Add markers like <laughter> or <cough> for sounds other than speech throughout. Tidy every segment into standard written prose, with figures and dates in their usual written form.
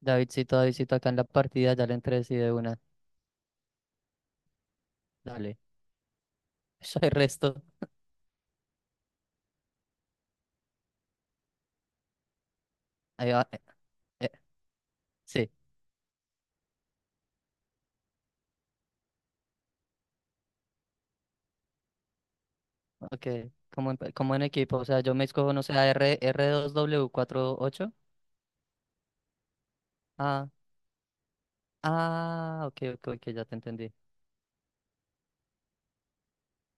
Davidcito, Davidcito, acá en la partida ya le entré sí de una. Dale. <laughs> Eso, soy resto. Ahí va. Eh, Sí, ok. Como en equipo, o sea, yo me escojo, no sé, a R, R2W48. Ah, ah, ok, ok, ok, ya te entendí.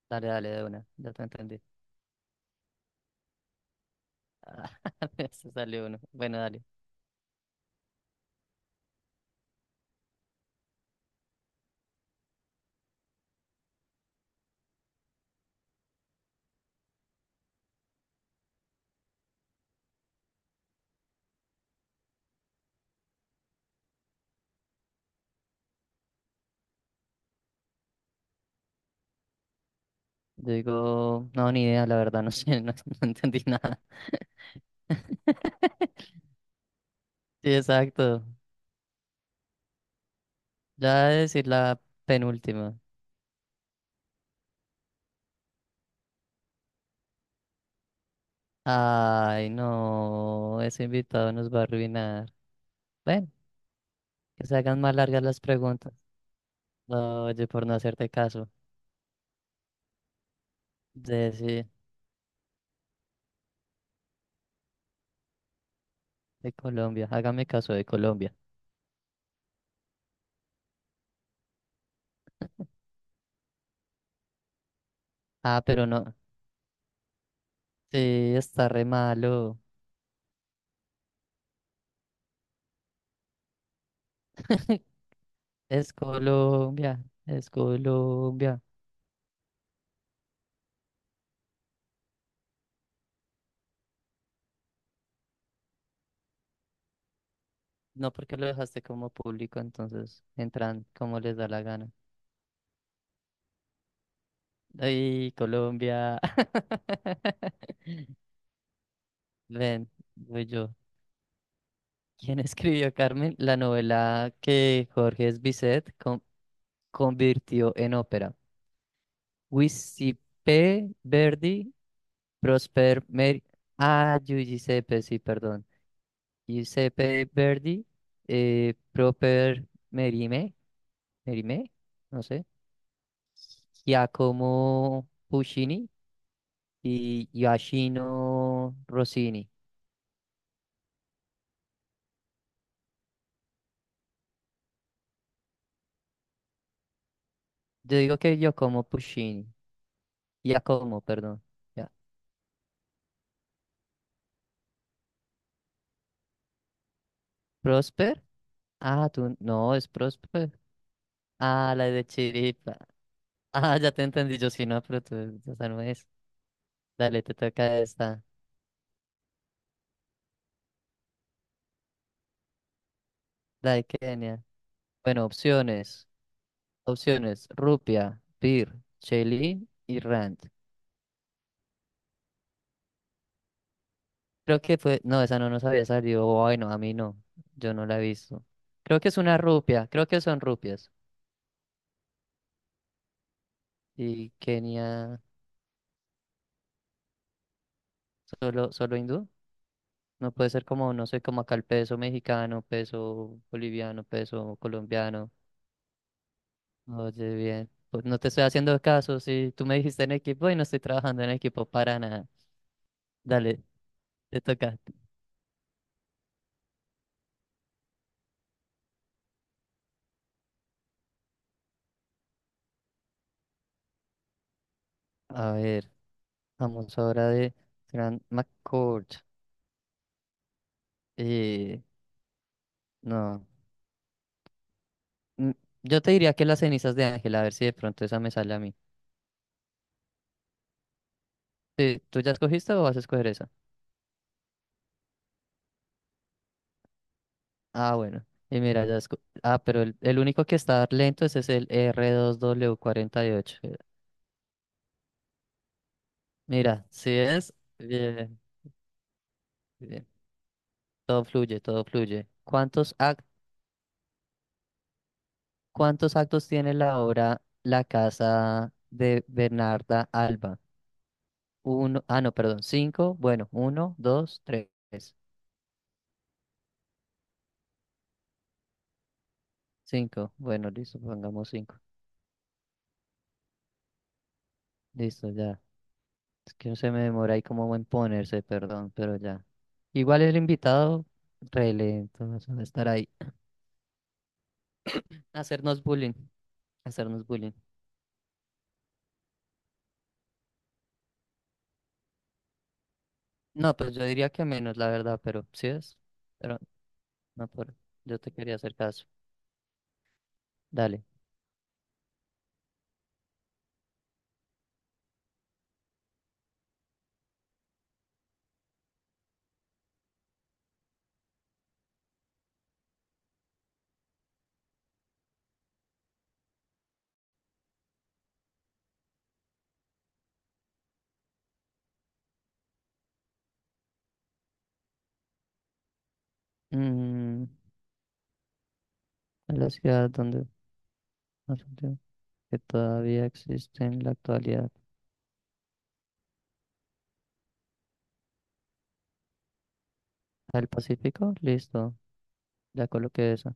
Dale, dale, de una, ya te entendí. Ah, <laughs> se salió uno. Bueno, dale. Yo digo, no, ni idea, la verdad, no <laughs> sé, no, no entendí nada. <laughs> Sí, exacto. Ya voy a decir la penúltima. Ay, no, ese invitado nos va a arruinar. Ven, que se hagan más largas las preguntas. No, oye, por no hacerte caso. De, sí, de Colombia, hágame caso de Colombia. Ah, pero no, sí, está re malo. <laughs> Es Colombia, es Colombia. No porque lo dejaste como público, entonces entran como les da la gana. Ay, Colombia. <laughs> Ven, voy yo. ¿Quién escribió Carmen? La novela que Jorge Bizet convirtió en ópera. Giuseppe Verdi, Prosper Meri... Ah, Giuseppe, sí, perdón. Giuseppe Verdi, Proper Merime, Merime, no sé. Giacomo Puccini y Giacchino Rossini. Yo digo que Giacomo Puccini. Giacomo, perdón. Ya. Prosper. Ah, tú, no, es Prosper. Ah, la de Chiripa. <laughs> Ah, ya te entendí. Yo sí, no, pero tú, esa no es. Dale, te toca esta. La de Kenia. Bueno, opciones. Opciones. Rupia, Pir, Cheli y Rand. Creo que fue. No, esa no nos había salido. Bueno, a mí no. Yo no la he visto. Creo que es una rupia. Creo que son rupias. Y Kenia, solo, solo hindú. No puede ser como, no sé, como acá el peso mexicano, peso boliviano, peso colombiano. Oye, bien. Pues no te estoy haciendo caso. Si tú me dijiste en equipo y no estoy trabajando en equipo para nada. Dale, te toca. A ver, vamos ahora de Grant McCord. Eh, no. mm, Yo te diría que las cenizas de Ángel, a ver si de pronto esa me sale a mí. Sí, ¿tú ya escogiste o vas a escoger esa? Ah, bueno. Y mira, ah, pero el único que está lento ese es el R2W48. Mira, si es. Bien, bien. Todo fluye, todo fluye. ¿Cuántos actos? ¿Cuántos actos tiene la obra La casa de Bernarda Alba? Uno, ah, no, perdón, cinco. Bueno, uno, dos, tres. Cinco. Bueno, listo, pongamos cinco. Listo, ya. Es que no se me demora ahí como en ponerse, perdón, pero ya. Igual el invitado, re lento, o sea, va a estar ahí. <clears throat> Hacernos bullying, hacernos bullying. No, pues yo diría que menos, la verdad, pero sí es. Pero no, yo te quería hacer caso. Dale. Mm, a la ciudad donde... que todavía existe en la actualidad. ¿El Pacífico? Listo, ya coloqué esa.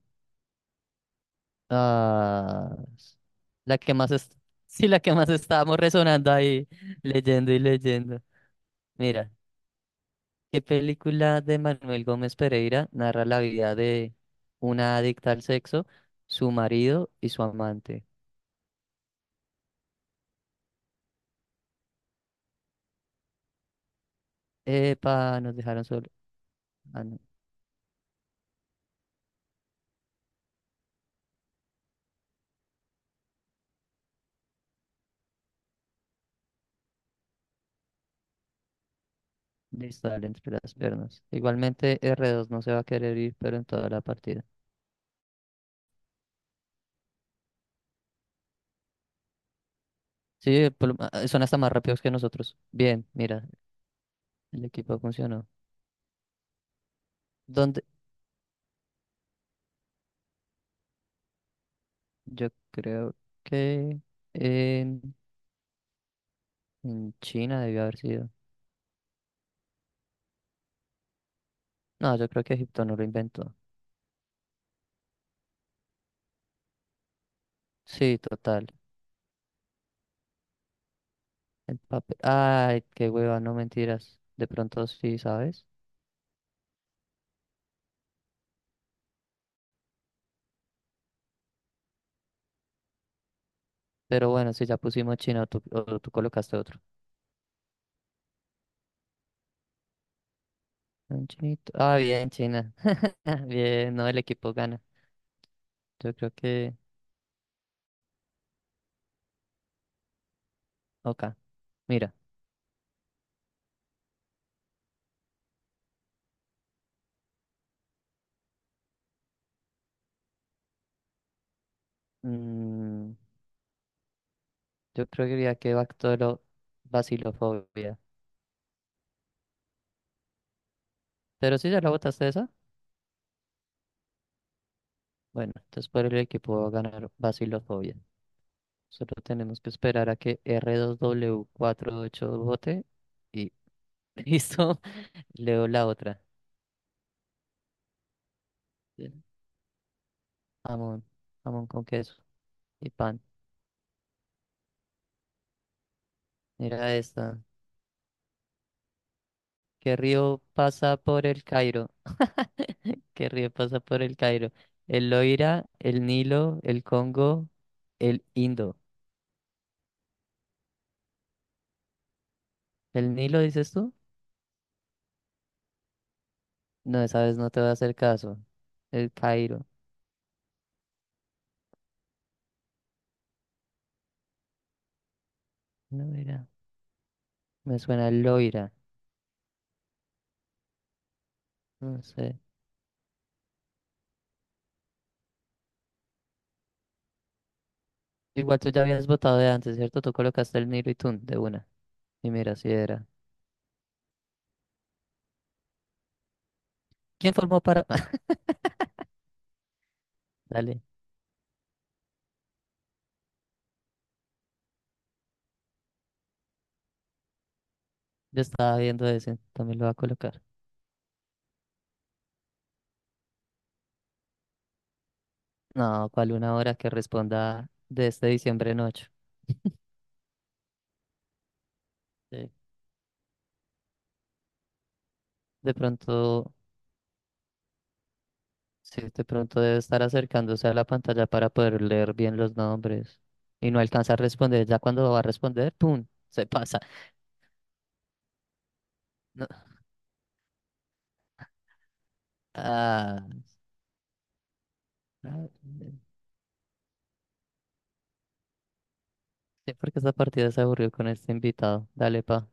Ah, la que más es... <laughs> Sí, la que más estábamos resonando ahí, <laughs> leyendo y leyendo. Mira, ¿qué película de Manuel Gómez Pereira narra la vida de una adicta al sexo, su marido y su amante? Epa, nos dejaron solo. Ah, no. Listo, dale entre las piernas. Igualmente r dos no se va a querer ir, pero en toda la partida. Sí, por lo son hasta más rápidos que nosotros. Bien, mira, el equipo funcionó. ¿Dónde? Yo creo que en, en China debió haber sido. No, yo creo que Egipto no lo inventó. Sí, total. El papel. Ay, qué hueva, no mentiras. De pronto sí, ¿sabes? Pero bueno, si ya pusimos China o tú, colocaste otro. Un chinito. Ah, bien, China. <laughs> Bien, no, el equipo gana. Yo creo que. Ok, mira. mm, Yo creo que diría que Bacilofobia. Pero si ya la votaste esa, bueno, entonces por el equipo va a ganar Bacilofobia. Solo tenemos que esperar a que r 2 w cuatro ocho vote y <laughs> listo, leo la otra. Bien. Jamón, jamón con queso y pan. Mira esta. ¿Qué río pasa por el Cairo? ¿Qué río pasa por el Cairo? ¿El Loira, el Nilo, el Congo, el Indo? ¿El Nilo dices tú? No, esa vez no te voy a hacer caso. El Cairo. Loira. Me suena Loira. No sé. Igual tú ya habías votado de antes, ¿cierto? Tú colocaste el Niro y Tun de una. Y mira, si era. ¿Quién formó para...? <laughs> Dale. Yo estaba viendo ese. También lo voy a colocar. No, ¿cuál una hora que responda de este diciembre en 8 años? Sí. De pronto... Sí, de pronto debe estar acercándose a la pantalla para poder leer bien los nombres. Y no alcanza a responder. Ya cuando va a responder, ¡pum! Se pasa. No. Ah. Ah, sí, porque esta partida se aburrió con este invitado. Dale, pa.